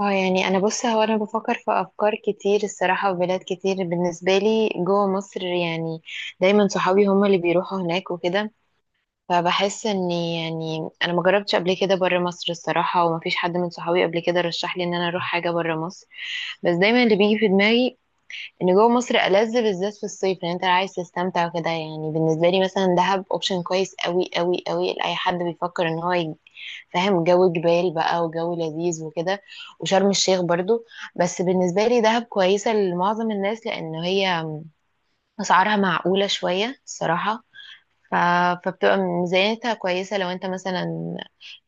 اه يعني انا بص هو انا بفكر في افكار كتير الصراحه، وبلاد كتير بالنسبه لي جوه مصر. يعني دايما صحابي هما اللي بيروحوا هناك وكده. فبحس اني، يعني، انا ما جربتش قبل كده بره مصر الصراحه، وما فيش حد من صحابي قبل كده رشح لي ان انا اروح حاجه بره مصر. بس دايما اللي بيجي في دماغي ان جوه مصر ألذ، بالذات في الصيف، لان انت عايز تستمتع وكده. يعني بالنسبه لي مثلا دهب اوبشن كويس قوي قوي قوي لاي حد بيفكر ان هو فاهم، جو جبال بقى وجو لذيذ وكده. وشرم الشيخ برضو. بس بالنسبه لي دهب كويسه لمعظم الناس، لان هي اسعارها معقوله شويه الصراحه. ف... فبتبقى ميزانيتها كويسة لو انت مثلا،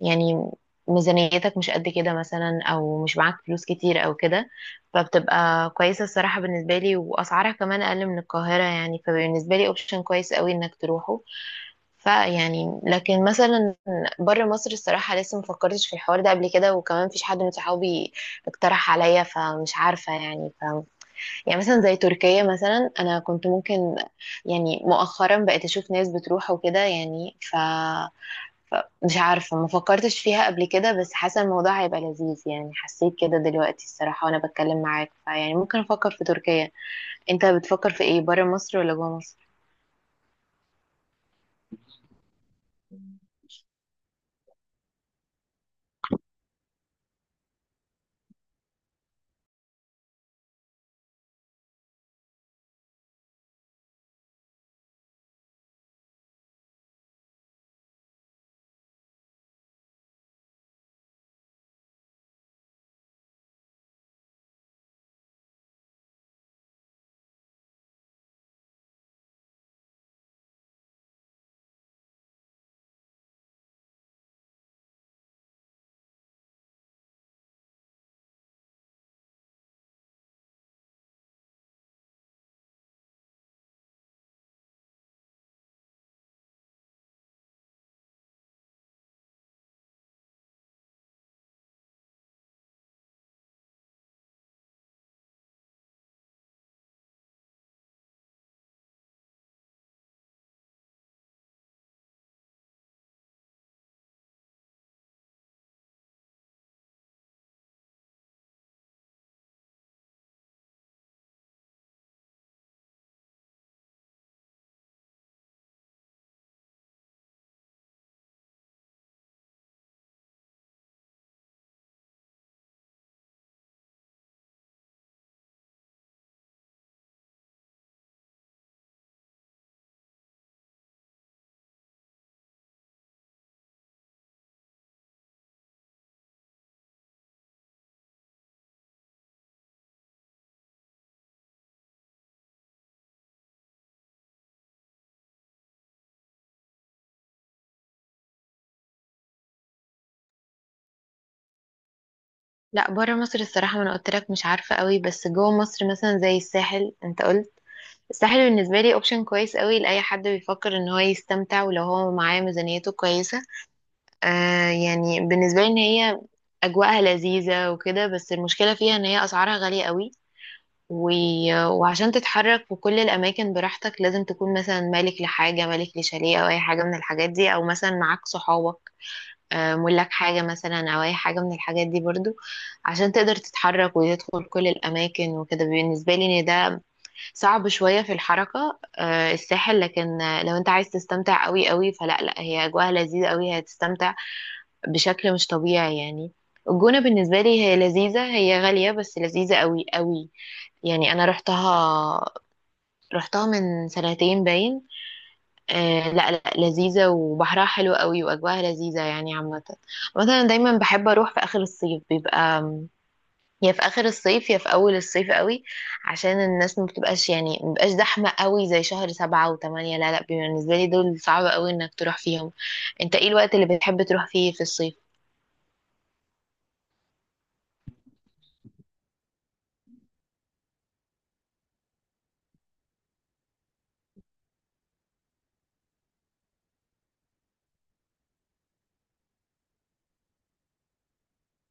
يعني، ميزانيتك مش قد كده مثلا، او مش معاك فلوس كتير او كده، فبتبقى كويسة الصراحة بالنسبة لي. واسعارها كمان اقل من القاهرة يعني، فبالنسبة لي اوبشن كويس قوي انك تروحه. فيعني، لكن مثلا بره مصر الصراحة لسه مفكرتش في الحوار ده قبل كده، وكمان مفيش حد من صحابي اقترح عليا، فمش عارفة يعني. يعني مثلا زي تركيا مثلا، انا كنت ممكن، يعني مؤخرا بقيت اشوف ناس بتروح وكده يعني. ف مش عارفة ما فكرتش فيها قبل كده، بس حاسة الموضوع هيبقى لذيذ يعني، حسيت كده دلوقتي الصراحة وانا بتكلم معاك. فيعني ممكن افكر في تركيا. انت بتفكر في ايه، برا مصر ولا جوا مصر؟ لا، برا مصر الصراحة ما انا قلت لك مش عارفة قوي. بس جوا مصر مثلا زي الساحل، انت قلت. الساحل بالنسبة لي اوبشن كويس قوي لأي حد بيفكر ان هو يستمتع، ولو هو معاه ميزانيته كويسة. يعني بالنسبة لي ان هي اجواءها لذيذة وكده، بس المشكلة فيها ان هي اسعارها غالية قوي. و... وعشان تتحرك في كل الاماكن براحتك لازم تكون مثلا مالك لحاجة، مالك لشاليه او اي حاجة من الحاجات دي، او مثلا معاك صحابك، ملاك حاجة مثلا او اي حاجة من الحاجات دي برضو، عشان تقدر تتحرك وتدخل كل الاماكن وكده. بالنسبة لي ان ده صعب شوية في الحركة، الساحل. لكن لو انت عايز تستمتع قوي قوي فلا لا، هي اجواءها لذيذة قوي، هتستمتع بشكل مش طبيعي يعني. الجونة بالنسبة لي هي لذيذة، هي غالية بس لذيذة قوي قوي. يعني انا رحتها من سنتين باين. آه لا لا، لذيذة وبحرها حلو قوي واجواها لذيذة يعني عامة. مثلا دايما بحب اروح في اخر الصيف، بيبقى يا في اخر الصيف يا في اول الصيف قوي، عشان الناس ما بتبقاش زحمة قوي زي شهر 7 و8. لا لا، بالنسبة لي دول صعب قوي انك تروح فيهم. انت ايه الوقت اللي بتحب تروح فيه في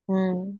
الصيف؟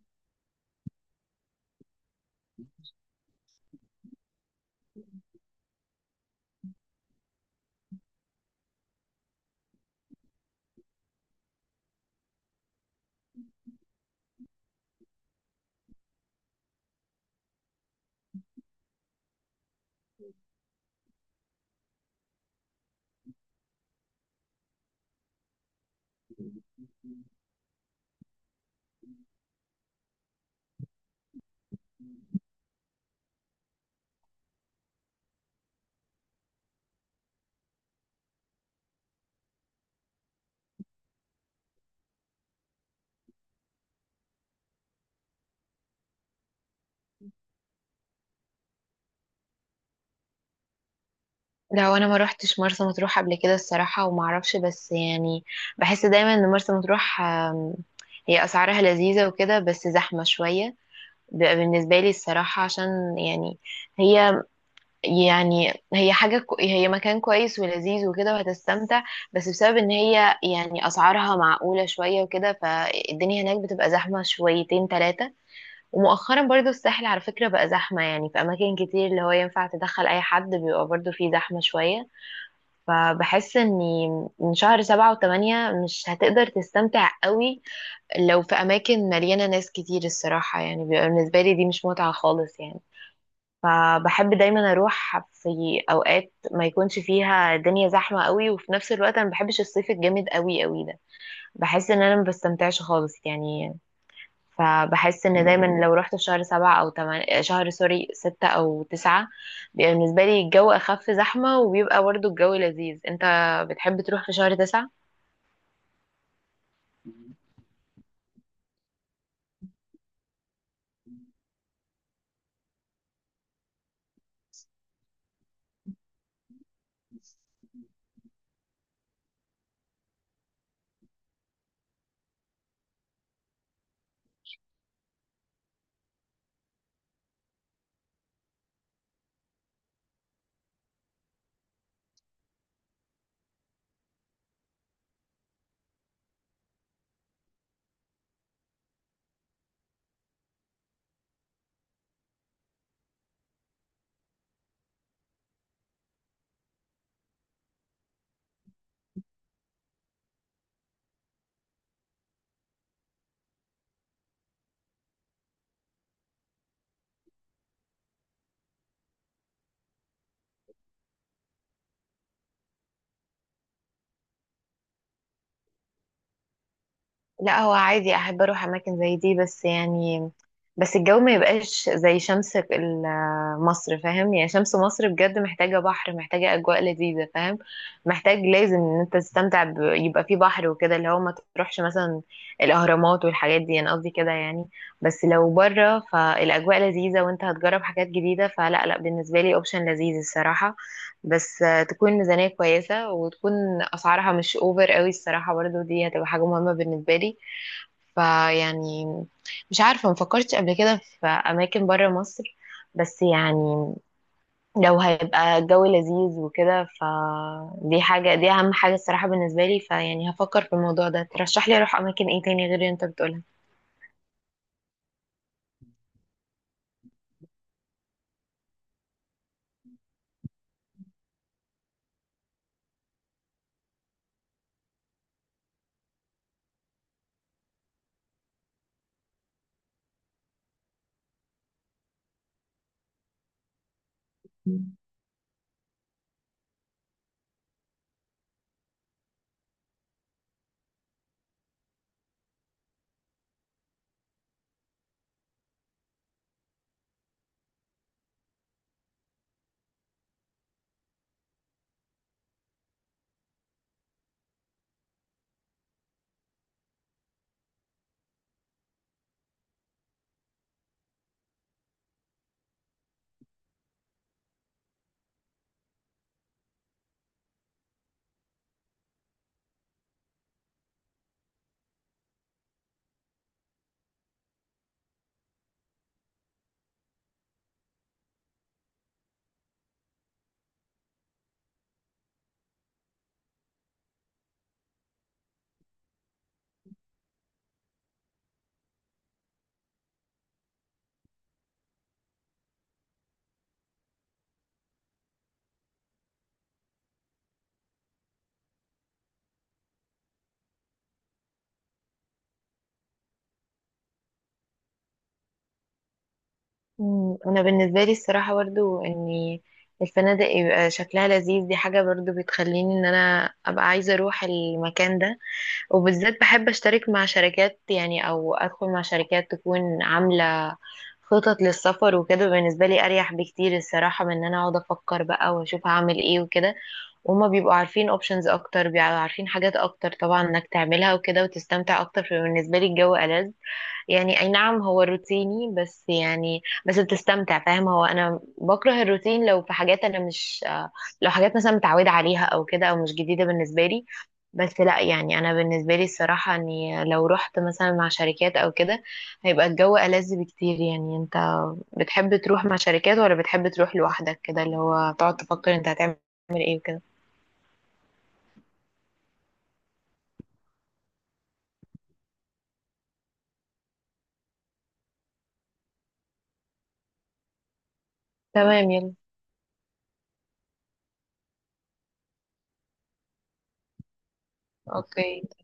لا وانا ما روحتش مرسى مطروح قبل كده الصراحه، وما اعرفش بس يعني. بحس دايما ان مرسى مطروح، هي اسعارها لذيذه وكده بس زحمه شويه بيبقى بالنسبه لي الصراحه، عشان يعني هي هي هي مكان كويس ولذيذ وكده وهتستمتع، بس بسبب ان هي، يعني، اسعارها معقوله شويه وكده، فالدنيا هناك بتبقى زحمه شويتين ثلاثه. ومؤخرا برضو الساحل على فكره بقى زحمه، يعني في اماكن كتير اللي هو ينفع تدخل اي حد، بيبقى برضو فيه زحمه شويه. فبحس اني من شهر 7 و8 مش هتقدر تستمتع قوي لو في اماكن مليانة ناس كتير الصراحة. يعني بيبقى بالنسبة لي دي مش متعة خالص يعني. فبحب دايما اروح في اوقات ما يكونش فيها الدنيا زحمة قوي. وفي نفس الوقت انا ما بحبش الصيف الجامد قوي قوي ده، بحس ان انا ما بستمتعش خالص يعني. فبحس ان دايما لو رحت في شهر 7 او 8، شهر سوري، 6 او 9، بيبقى بالنسبة لي الجو اخف زحمة وبيبقى برضه الجو لذيذ. انت بتحب تروح في شهر 9؟ لا هو عادي، احب اروح اماكن زي دي بس يعني، بس الجو ما يبقاش زي شمس مصر، فاهم؟ يعني شمس مصر بجد محتاجة بحر، محتاجة اجواء لذيذة، فاهم؟ محتاج، لازم ان انت تستمتع يبقى في بحر وكده، اللي هو ما تروحش مثلا الاهرامات والحاجات دي، انا قصدي كده يعني. بس لو بره فالاجواء لذيذة وانت هتجرب حاجات جديدة فلا لا، بالنسبة لي اوبشن لذيذ الصراحة. بس تكون ميزانية كويسة، وتكون أسعارها مش أوفر قوي الصراحة برضو، دي هتبقى حاجة مهمة بالنسبة لي. فيعني، مش عارفة مفكرتش قبل كده في أماكن برا مصر. بس يعني لو هيبقى الجو لذيذ وكده فدي حاجة، دي أهم حاجة الصراحة بالنسبة لي. فيعني هفكر في الموضوع ده. ترشح لي أروح أماكن إيه تاني غير اللي أنت بتقولها؟ مم. انا بالنسبه لي الصراحه برضو ان الفنادق يبقى شكلها لذيذ، دي حاجه برضو بتخليني ان انا ابقى عايزه اروح المكان ده. وبالذات بحب اشترك مع شركات يعني، او ادخل مع شركات تكون عامله خطط للسفر وكده. بالنسبه لي اريح بكتير الصراحه من ان انا اقعد افكر بقى واشوف هعمل ايه وكده. وهما بيبقوا عارفين اوبشنز اكتر، بيبقوا عارفين حاجات اكتر طبعا انك تعملها وكده وتستمتع اكتر، فبالنسبه لي الجو ألذ. يعني اي نعم هو روتيني بس يعني، بس بتستمتع فاهم. هو انا بكره الروتين لو في حاجات انا مش لو حاجات مثلا متعوده عليها او كده او مش جديده بالنسبه لي. بس لا يعني، انا بالنسبه لي الصراحه اني لو رحت مثلا مع شركات او كده هيبقى الجو ألذ بكتير يعني. انت بتحب تروح مع شركات ولا بتحب تروح لوحدك كده اللي هو تقعد تفكر انت هتعمل ايه وكده؟ تمام يلا. اوكي.